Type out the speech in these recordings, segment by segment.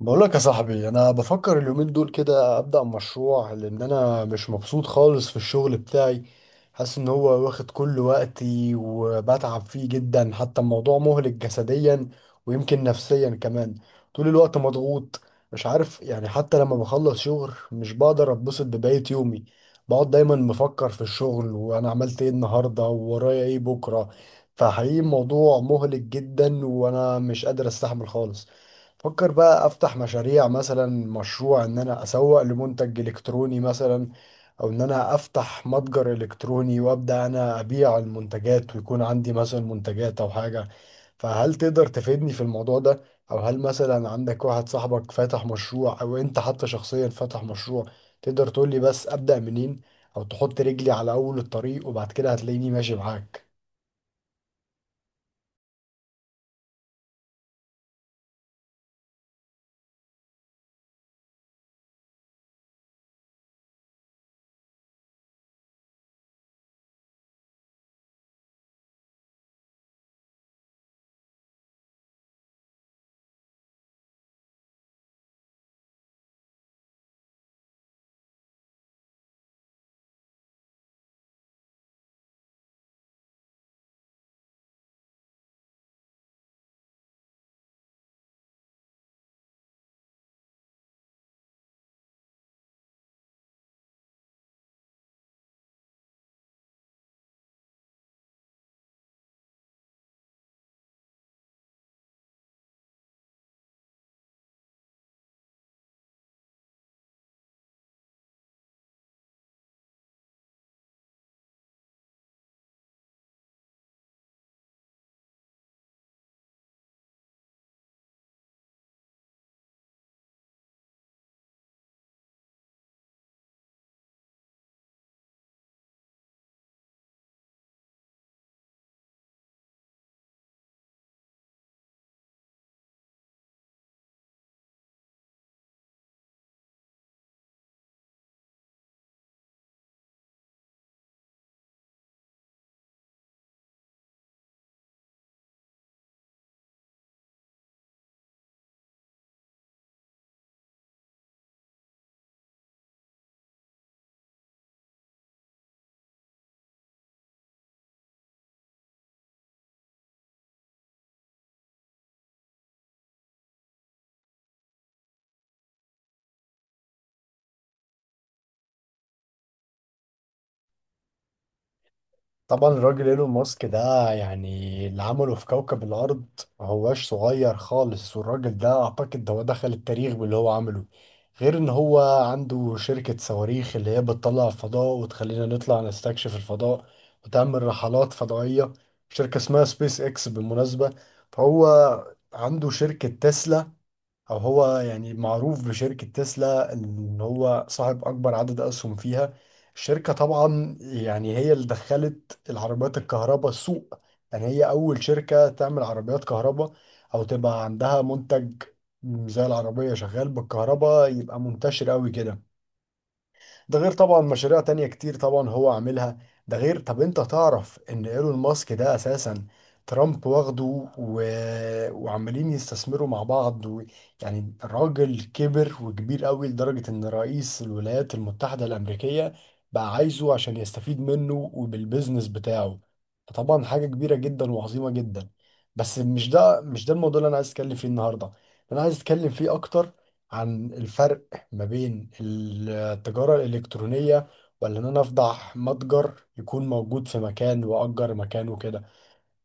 بقولك يا صاحبي، انا بفكر اليومين دول كده ابدا مشروع لان انا مش مبسوط خالص في الشغل بتاعي. حاسس ان هو واخد كل وقتي وبتعب فيه جدا، حتى الموضوع مهلك جسديا ويمكن نفسيا كمان. طول الوقت مضغوط. مش عارف يعني، حتى لما بخلص شغل مش بقدر اتبسط ببقية يومي. بقعد دايما مفكر في الشغل وانا عملت ايه النهارده وورايا ايه بكره. فحقيقي الموضوع مهلك جدا وانا مش قادر استحمل خالص. فكر بقى افتح مشاريع، مثلا مشروع ان انا اسوق لمنتج الكتروني مثلا، او ان انا افتح متجر الكتروني وابدا انا ابيع المنتجات، ويكون عندي مثلا منتجات او حاجة. فهل تقدر تفيدني في الموضوع ده؟ او هل مثلا عندك واحد صاحبك فاتح مشروع، او انت حتى شخصيا فاتح مشروع؟ تقدر تقولي بس ابدا منين، او تحط رجلي على اول الطريق وبعد كده هتلاقيني ماشي معاك. طبعا الراجل ايلون ماسك ده، يعني اللي عمله في كوكب الارض ما هواش صغير خالص، والراجل ده اعتقد ده هو دخل التاريخ باللي هو عمله. غير ان هو عنده شركة صواريخ اللي هي بتطلع الفضاء وتخلينا نطلع نستكشف الفضاء وتعمل رحلات فضائية، شركة اسمها سبيس اكس بالمناسبة. فهو عنده شركة تسلا، او هو يعني معروف بشركة تسلا ان هو صاحب اكبر عدد اسهم فيها. الشركة طبعا يعني هي اللي دخلت العربيات الكهرباء السوق، يعني هي اول شركة تعمل عربيات كهرباء او تبقى عندها منتج زي العربية شغال بالكهرباء يبقى منتشر قوي كده. ده غير طبعا مشاريع تانية كتير طبعا هو عاملها. ده غير طب انت تعرف ان ايلون ماسك ده اساسا ترامب واخده، و... وعمالين يستثمروا مع بعض، يعني الراجل كبر وكبير قوي لدرجة ان رئيس الولايات المتحدة الامريكية بقى عايزه عشان يستفيد منه وبالبزنس بتاعه. فطبعا حاجة كبيرة جدا وعظيمة جدا. بس مش ده الموضوع اللي انا عايز اتكلم فيه النهاردة. انا عايز اتكلم فيه اكتر عن الفرق ما بين التجارة الإلكترونية، ولا إن أنا أفضح متجر يكون موجود في مكان وأجر مكان وكده.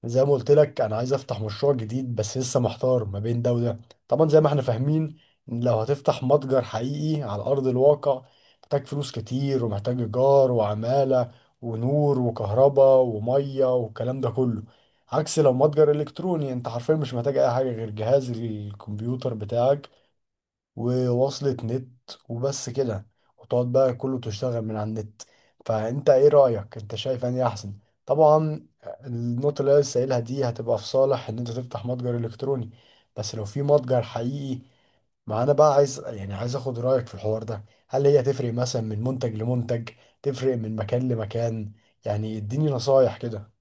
زي ما قلت لك، أنا عايز أفتح مشروع جديد بس لسه محتار ما بين ده وده. طبعا زي ما إحنا فاهمين، إن لو هتفتح متجر حقيقي على أرض الواقع، محتاج فلوس كتير ومحتاج إيجار وعمالة ونور وكهرباء ومية والكلام ده كله. عكس لو متجر إلكتروني، أنت حرفيا مش محتاج أي حاجة غير جهاز الكمبيوتر بتاعك ووصلة نت وبس كده، وتقعد بقى كله تشتغل من على النت. فانت ايه رأيك، انت شايف اني احسن؟ طبعا النقطة اللي أنا لسه قايلها دي هتبقى في صالح ان انت تفتح متجر الكتروني. بس لو في متجر حقيقي، ما انا بقى عايز، يعني عايز اخد رأيك في الحوار ده. هل هي تفرق مثلا من منتج لمنتج؟ تفرق من مكان لمكان؟ يعني اديني نصايح كده.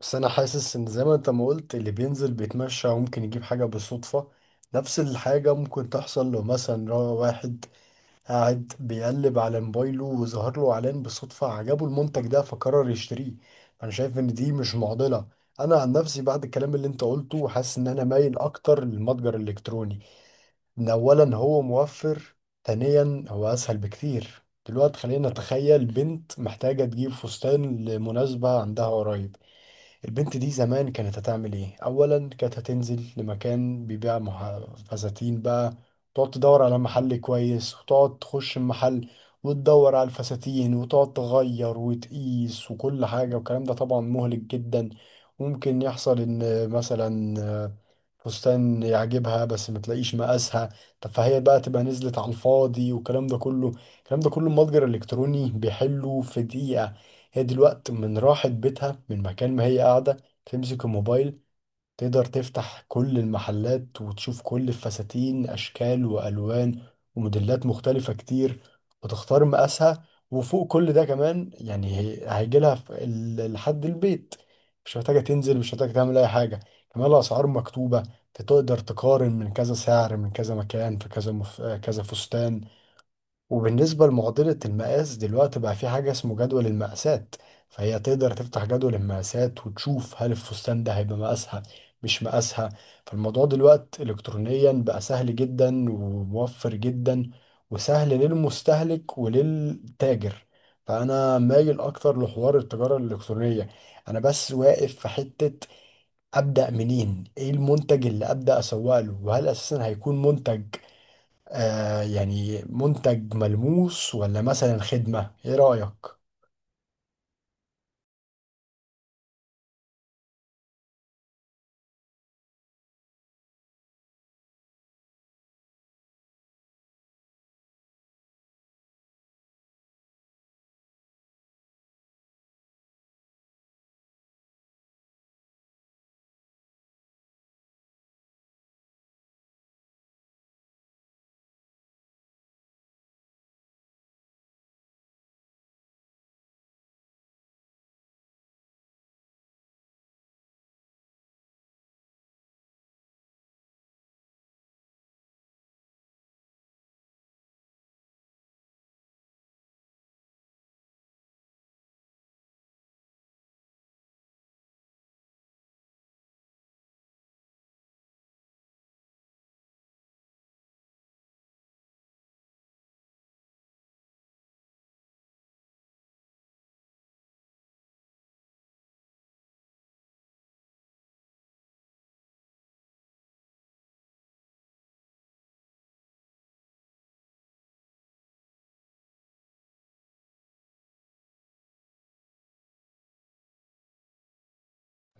بس انا حاسس ان زي ما انت ما قلت اللي بينزل بيتمشى وممكن يجيب حاجة بالصدفة، نفس الحاجة ممكن تحصل لو مثلا واحد قاعد بيقلب على موبايله وظهر له اعلان بالصدفة عجبه المنتج ده فقرر يشتريه. انا شايف ان دي مش معضلة. انا عن نفسي بعد الكلام اللي انت قلته حاسس ان انا مايل اكتر للمتجر الالكتروني. ان اولا هو موفر، ثانيا هو اسهل بكتير. دلوقتي خلينا نتخيل بنت محتاجة تجيب فستان لمناسبة عندها قريب. البنت دي زمان كانت هتعمل ايه؟ اولا كانت هتنزل لمكان بيبيع فساتين بقى، تقعد تدور على محل كويس وتقعد تخش المحل وتدور على الفساتين وتقعد تغير وتقيس وكل حاجة، والكلام ده طبعا مهلك جدا. ممكن يحصل ان مثلا فستان يعجبها بس ما تلاقيش مقاسها، طب فهي بقى تبقى نزلت على الفاضي والكلام ده كله. المتجر الالكتروني بيحله في دقيقة. هي دلوقتي من راحت بيتها من مكان ما هي قاعدة، تمسك الموبايل تقدر تفتح كل المحلات وتشوف كل الفساتين، أشكال وألوان وموديلات مختلفة كتير، وتختار مقاسها. وفوق كل ده كمان يعني هيجي لها لحد البيت، مش محتاجة تنزل، مش محتاجة تعمل أي حاجة. كمان الأسعار مكتوبة، تقدر تقارن من كذا سعر من كذا مكان في كذا كذا فستان. وبالنسبة لمعضلة المقاس، دلوقتي بقى في حاجة اسمه جدول المقاسات، فهي تقدر تفتح جدول المقاسات وتشوف هل الفستان ده هيبقى مقاسها مش مقاسها. فالموضوع دلوقتي إلكترونيا بقى سهل جدا وموفر جدا، وسهل للمستهلك وللتاجر. فأنا مايل أكتر لحوار التجارة الإلكترونية. أنا بس واقف في حتة، أبدأ منين؟ إيه المنتج اللي أبدأ أسوق له؟ وهل أساسا هيكون منتج، يعني منتج ملموس، ولا مثلا خدمة؟ ايه رأيك؟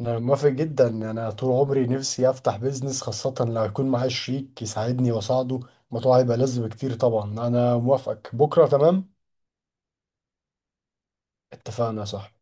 انا موافق جدا، انا طول عمري نفسي افتح بيزنس، خاصة لو يكون معايا شريك يساعدني واساعده. الموضوع هيبقى لذ بكتير. طبعا انا موافقك، بكرة تمام. اتفقنا صح.